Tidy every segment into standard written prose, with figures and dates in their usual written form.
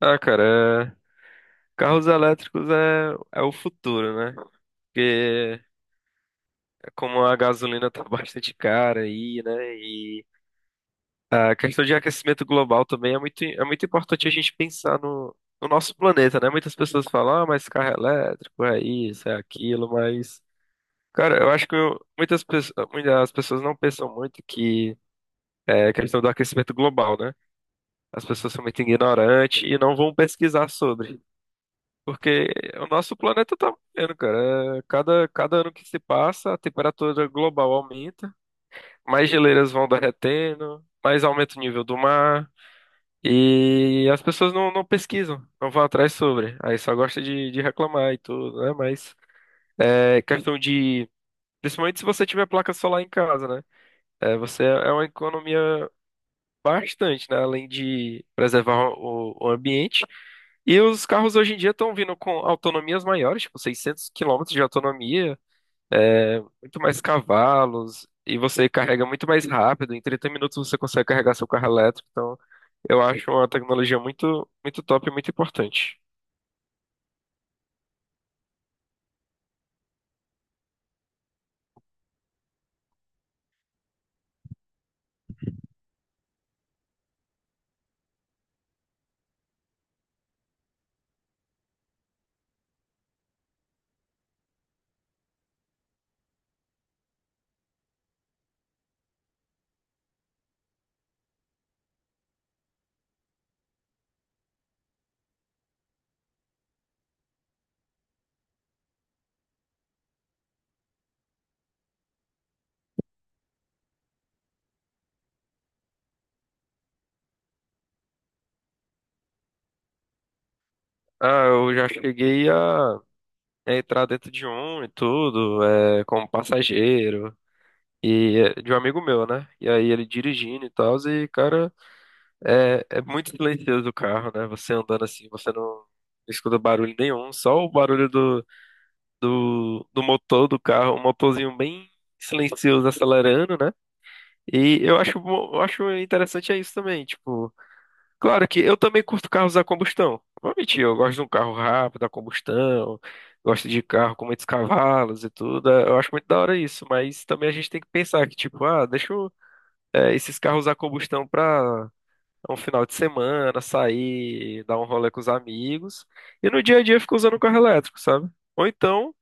Ah, cara, é- carros elétricos é o futuro, né? Porque é como a gasolina tá bastante cara aí, né? E a questão de aquecimento global também é é muito importante a gente pensar no nosso planeta, né? Muitas pessoas falam, ah, mas carro elétrico é isso, é aquilo, mas, cara, eu acho muitas pessoas não pensam muito que é questão do aquecimento global, né? As pessoas são muito ignorantes e não vão pesquisar sobre. Porque o nosso planeta tá morrendo, cara. Cada ano que se passa, a temperatura global aumenta, mais geleiras vão derretendo, mais aumenta o nível do mar, e as pessoas não pesquisam, não vão atrás sobre. Aí só gosta de reclamar e tudo, né? Mas é questão de. Principalmente se você tiver placa solar em casa, né? É, você é é uma economia bastante, né? Além de preservar o ambiente. E os carros hoje em dia estão vindo com autonomias maiores, tipo 600 quilômetros de autonomia, é, muito mais cavalos, e você carrega muito mais rápido. Em 30 minutos você consegue carregar seu carro elétrico. Então, eu acho uma tecnologia muito top e muito importante. Ah, eu já cheguei a entrar dentro de um e tudo, é, como passageiro, de um amigo meu, né? E aí ele dirigindo e tal, e, cara. É muito silencioso o carro, né? Você andando assim, você não escuta barulho nenhum, só o barulho do motor do carro, um motorzinho bem silencioso acelerando, né? E eu acho interessante é isso também, tipo, claro que eu também curto carros a combustão. Não vou mentir, eu gosto de um carro rápido, a combustão, gosto de carro com muitos cavalos e tudo. Eu acho muito da hora isso, mas também a gente tem que pensar que, tipo, ah, esses carros a combustão pra um final de semana, sair, dar um rolê com os amigos. E no dia a dia fica usando o carro elétrico, sabe? Ou então,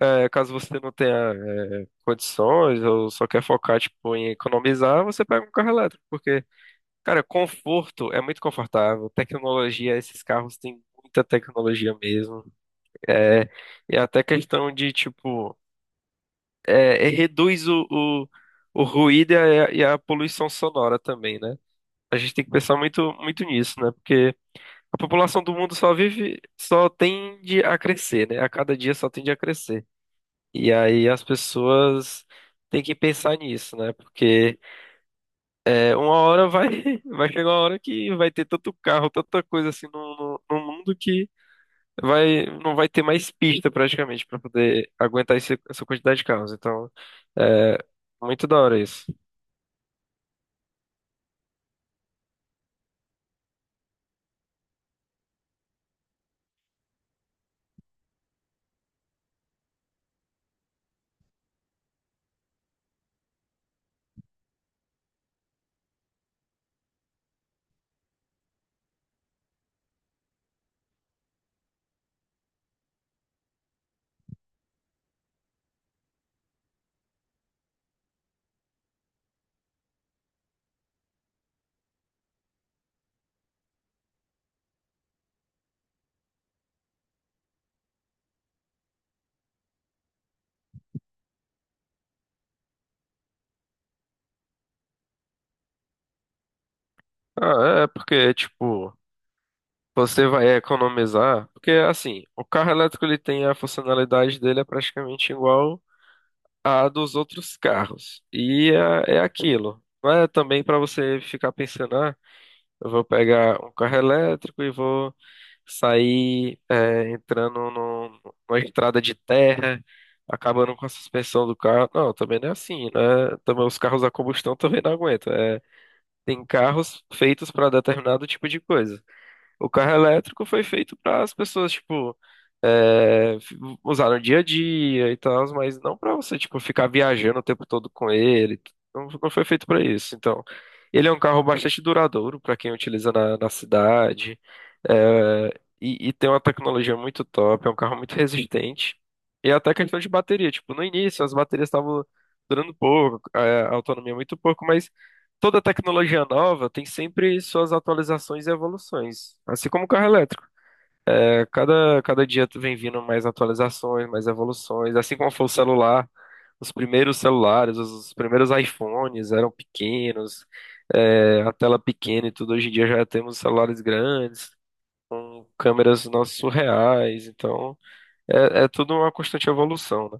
caso você não tenha, é, condições ou só quer focar, tipo, em economizar, você pega um carro elétrico. Porque, cara, conforto é muito confortável. Tecnologia, esses carros têm muita tecnologia mesmo. É, e até questão de, tipo, reduz o ruído e e a poluição sonora também, né? A gente tem que pensar muito nisso, né? Porque a população do mundo só vive, só tende a crescer, né? A cada dia só tende a crescer. E aí as pessoas têm que pensar nisso, né? Porque é, uma hora vai, vai chegar uma hora que vai ter tanto carro, tanta coisa assim no mundo que não vai ter mais pista praticamente para poder aguentar essa quantidade de carros. Então, é muito da hora isso. Ah, é porque, tipo. Você vai economizar, porque assim, o carro elétrico ele tem a funcionalidade dele é praticamente igual à dos outros carros. E é aquilo. Não é também para você ficar pensando, ah, eu vou pegar um carro elétrico e vou sair é, entrando no, numa estrada de terra, acabando com a suspensão do carro. Não, também não é assim, né? Também os carros a combustão também não aguentam. É, tem carros feitos para determinado tipo de coisa. O carro elétrico foi feito para as pessoas, tipo, é, f- usar no dia a dia e tal, mas não para você, tipo, ficar viajando o tempo todo com ele. Não, não foi feito para isso. Então, ele é um carro bastante duradouro para quem utiliza na cidade. E tem uma tecnologia muito top, é um carro muito resistente. E é até questão de bateria, tipo, no início as baterias estavam durando pouco, a autonomia muito pouco, mas toda tecnologia nova tem sempre suas atualizações e evoluções, assim como o carro elétrico. É, cada dia tu vem vindo mais atualizações, mais evoluções, assim como foi o celular. Os primeiros celulares, os primeiros iPhones eram pequenos, é, a tela pequena e tudo. Hoje em dia já temos celulares grandes, câmeras nossas surreais, então é, é tudo uma constante evolução, né?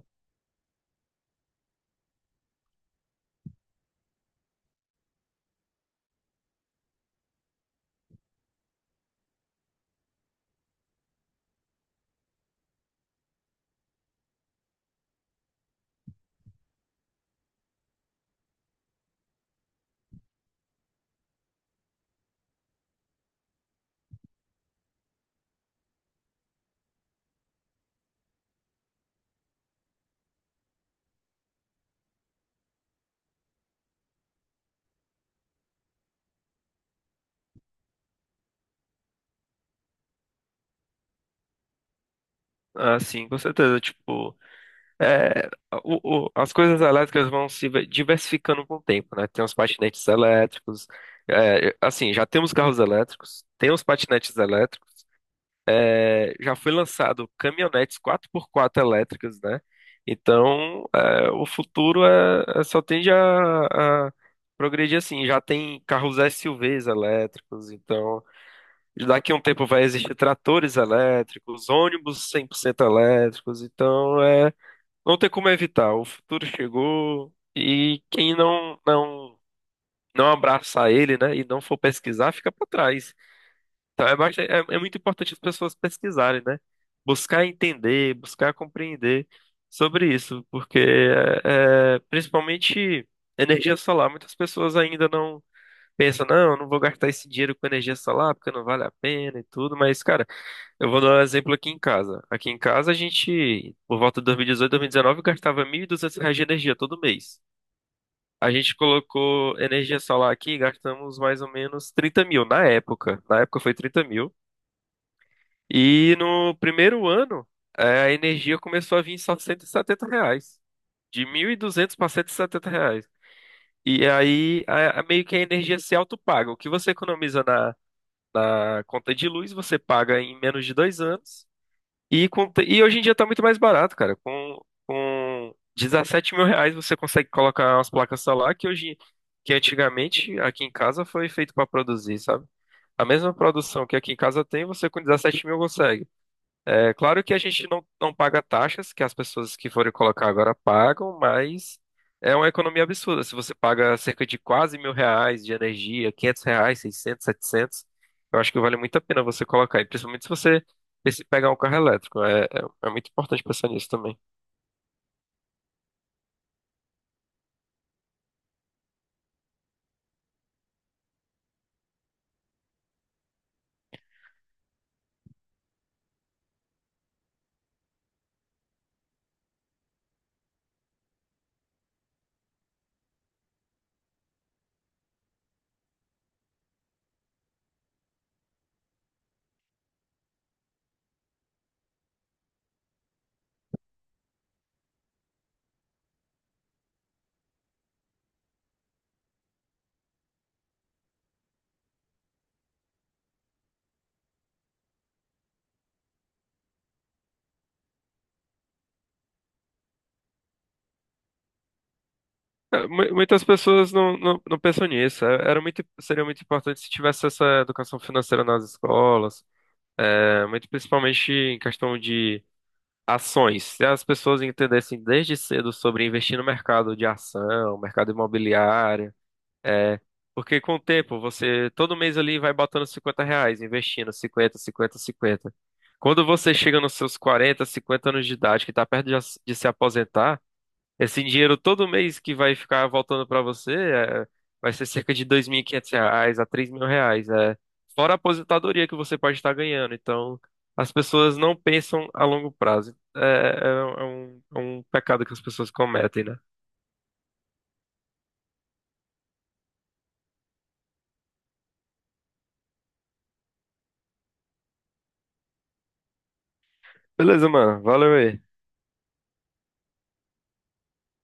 Ah, sim, com certeza. Tipo, é, as coisas elétricas vão se ve- diversificando com o tempo, né? Tem os patinetes elétricos, é, assim, já temos carros elétricos, tem os patinetes elétricos, é, já foi lançado caminhonetes 4x4 elétricas, né? Então, é, o futuro só tende a progredir assim. Já tem carros SUVs elétricos, então daqui a um tempo vai existir tratores elétricos, ônibus 100% elétricos, então é, não tem como evitar. O futuro chegou e quem não não abraçar ele, né, e não for pesquisar, fica para trás. Então é, é muito importante as pessoas pesquisarem, né? Buscar entender, buscar compreender sobre isso, porque é, principalmente energia solar, muitas pessoas ainda não pensam, não, eu não vou gastar esse dinheiro com energia solar porque não vale a pena e tudo, mas cara, eu vou dar um exemplo aqui em casa. Aqui em casa, a gente, por volta de 2018, 2019, gastava 1.200 reais de energia todo mês. A gente colocou energia solar aqui e gastamos mais ou menos 30 mil na época. Na época foi 30 mil. E no primeiro ano, a energia começou a vir só 170 reais. De 1.200 para 170 reais. E aí, meio que a energia se autopaga. O que você economiza na na conta de luz, você paga em menos de 2 anos. E, e hoje em dia tá muito mais barato, cara. Com 17 mil reais você consegue colocar umas placas solar que hoje, que antigamente aqui em casa foi feito para produzir, sabe? A mesma produção que aqui em casa tem, você com 17 mil consegue. É claro que a gente não paga taxas que as pessoas que forem colocar agora pagam, mas é uma economia absurda. Se você paga cerca de quase 1.000 reais de energia, 500 reais, 600, 700, eu acho que vale muito a pena você colocar. E principalmente se você se pegar um carro elétrico. É muito importante pensar nisso também. Muitas pessoas não pensam nisso. É, era muito, seria muito importante se tivesse essa educação financeira nas escolas, é, muito principalmente em questão de ações. Se as pessoas entendessem desde cedo sobre investir no mercado de ação, mercado imobiliário, é, porque com o tempo você todo mês ali vai botando 50 reais, investindo cinquenta. Quando você chega nos seus 40 50 anos de idade, que está perto de se aposentar, esse dinheiro todo mês que vai ficar voltando para você é, vai ser cerca de 2.500 reais a 3.000 reais. É, fora a aposentadoria que você pode estar ganhando. Então, as pessoas não pensam a longo prazo. É um pecado que as pessoas cometem, né? Beleza, mano. Valeu aí.